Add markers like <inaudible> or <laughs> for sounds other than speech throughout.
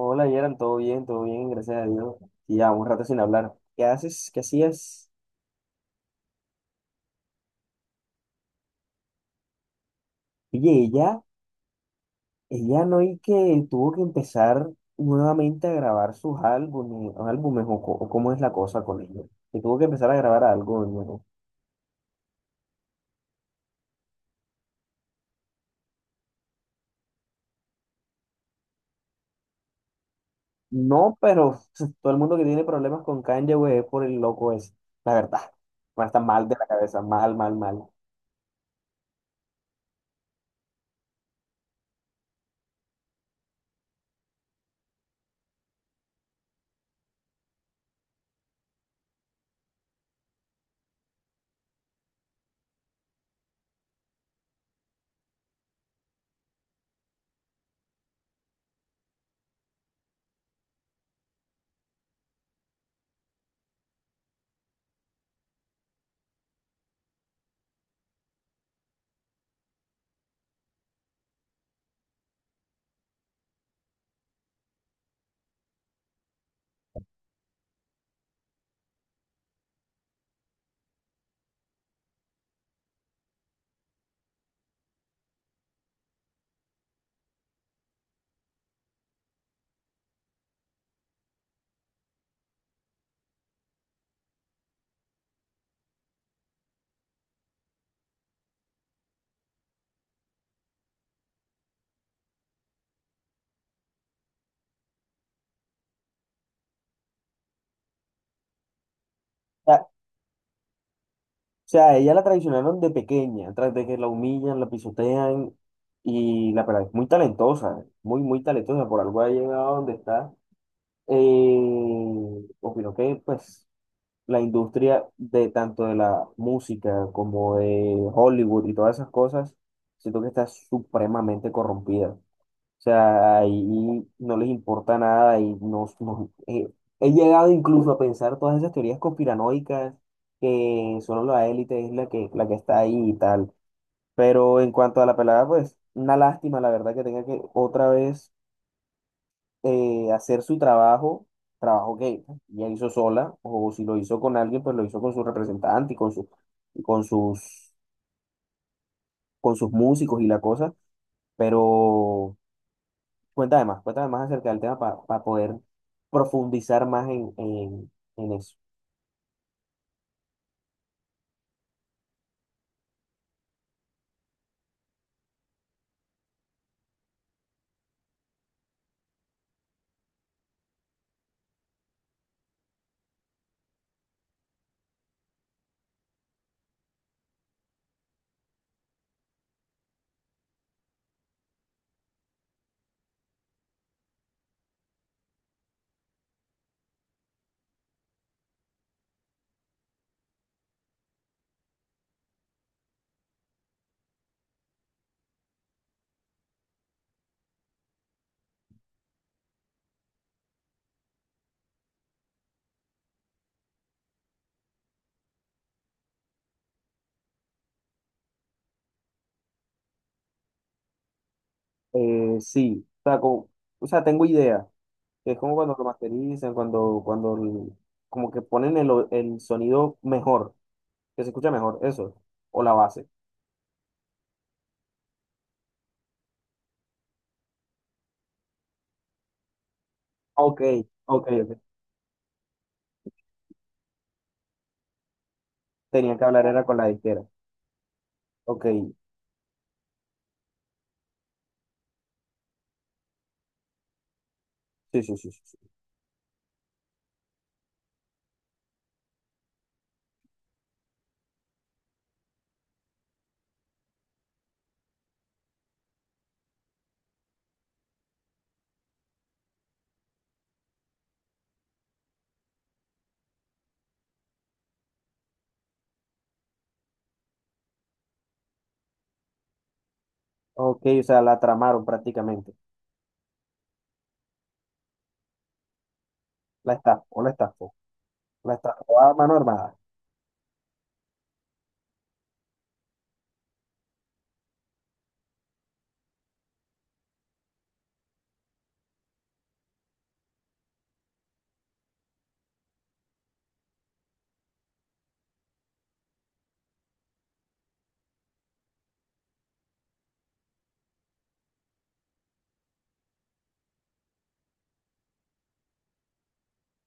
Hola, Yeran, todo bien, gracias a Dios. Y ya, un rato sin hablar. ¿Qué haces? ¿Qué hacías? Oye, ella no y que tuvo que empezar nuevamente a grabar sus álbumes o, o cómo es la cosa con ella. Que tuvo que empezar a grabar algo de nuevo. No, pero <laughs> todo el mundo que tiene problemas con Kanye, güey, es por el loco ese. La verdad, va a estar mal de la cabeza, mal, mal, mal. Sea, a ella la traicionaron de pequeña, tras de que la humillan, la pisotean, y la verdad es muy talentosa, muy, muy talentosa, por algo ha llegado a donde está. Opino que, pues, la industria de tanto de la música como de Hollywood y todas esas cosas, siento que está supremamente corrompida. O sea, ahí no les importa nada y no, he llegado incluso a pensar todas esas teorías conspiranoicas que solo la élite es la que está ahí y tal. Pero en cuanto a la pelada, pues una lástima, la verdad, que tenga que otra vez hacer su trabajo que ella hizo sola, o si lo hizo con alguien, pues lo hizo con su representante y con su, y con sus músicos y la cosa, pero, cuéntame más, cuéntame más acerca del tema para poder profundizar más en eso. Sí, o sea, o sea, tengo idea. Es como cuando lo masterizan, cuando como que ponen el sonido mejor, que se escucha mejor, eso, o la base. Ok, ok, ok. Tenía que hablar era con la disquera. Ok, sí, sí, sí, sí. Sí. Ok, o sea, la tramaron prácticamente. La estafó, la estafó. La estafó a mano armada.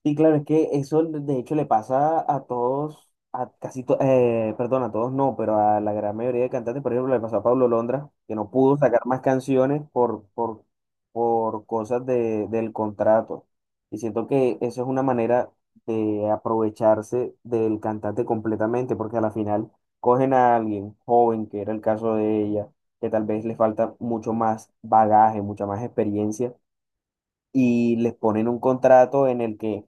Sí, claro, es que eso de hecho le pasa a todos, perdón, a todos no, pero a la gran mayoría de cantantes, por ejemplo, le pasó a Pablo Londra, que no pudo sacar más canciones por cosas del contrato. Y siento que eso es una manera de aprovecharse del cantante completamente, porque a la final cogen a alguien joven, que era el caso de ella, que tal vez le falta mucho más bagaje, mucha más experiencia y les ponen un contrato en el que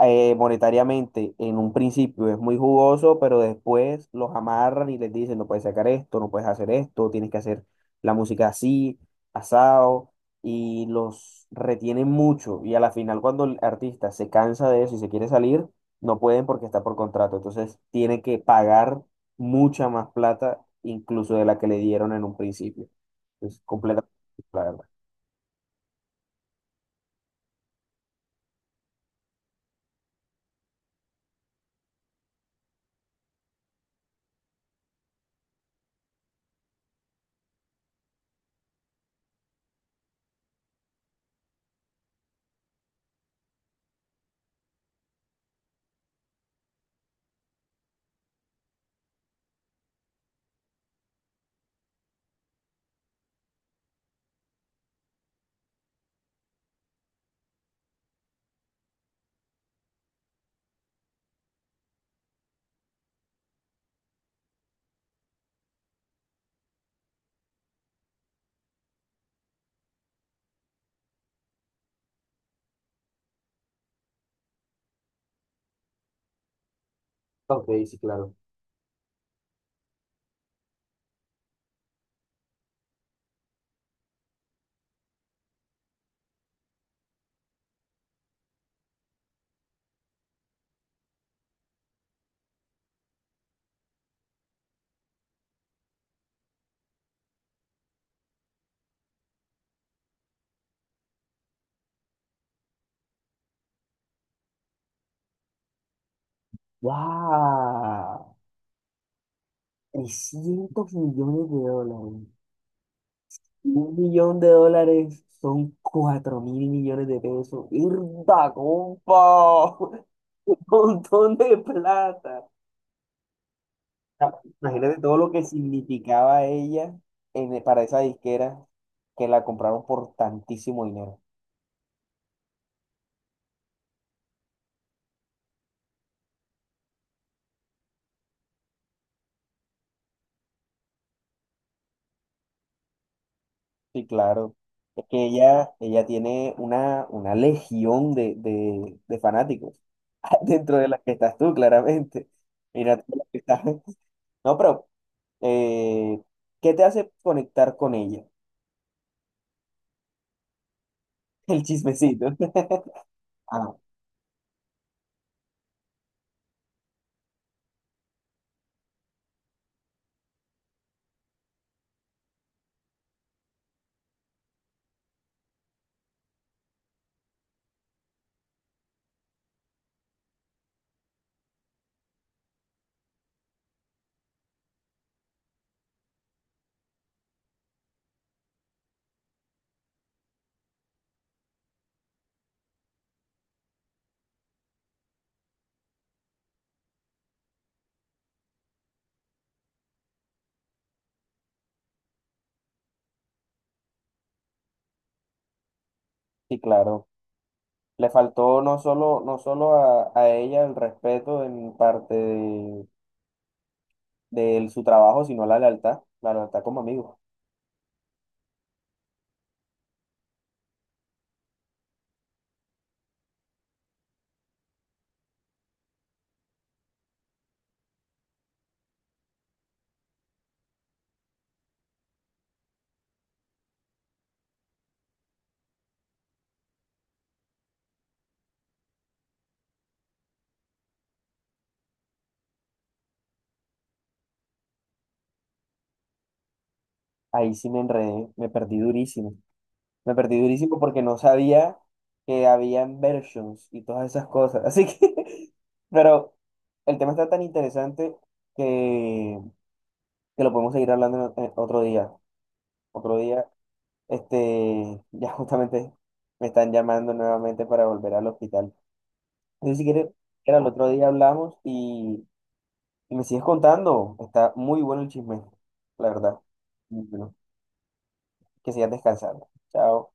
monetariamente en un principio es muy jugoso, pero después los amarran y les dicen, no puedes sacar esto, no puedes hacer esto, tienes que hacer la música así, asado, y los retienen mucho. Y a la final, cuando el artista se cansa de eso y se quiere salir, no pueden porque está por contrato. Entonces, tiene que pagar mucha más plata, incluso de la que le dieron en un principio. Es completamente, la verdad. Ok, sí, claro. ¡Wow! 300 millones de dólares. Un millón de dólares son 4.000 millones de pesos. ¡Irda, compa! <laughs> Un montón de plata. Ah, imagínate todo lo que significaba ella para esa disquera que la compraron por tantísimo dinero. Sí, claro. Es que ella tiene una legión de fanáticos. <laughs> Dentro de las que estás tú, claramente. Mira, tú la que estás. <laughs> No, pero, eh, ¿qué te hace conectar con ella? <laughs> El chismecito. Ah, sí, claro. Le faltó no solo a ella el respeto en parte de su trabajo, sino la lealtad como amigo. Ahí sí me enredé, me perdí durísimo. Me perdí durísimo porque no sabía que habían versions y todas esas cosas. Así que, <laughs> pero el tema está tan interesante que, que lo podemos seguir hablando en otro día. Otro día, ya justamente me están llamando nuevamente para volver al hospital. Entonces, si quieres, era el otro día hablamos y me sigues contando. Está muy bueno el chisme, la verdad. Bueno, que sigas descansando. Chao.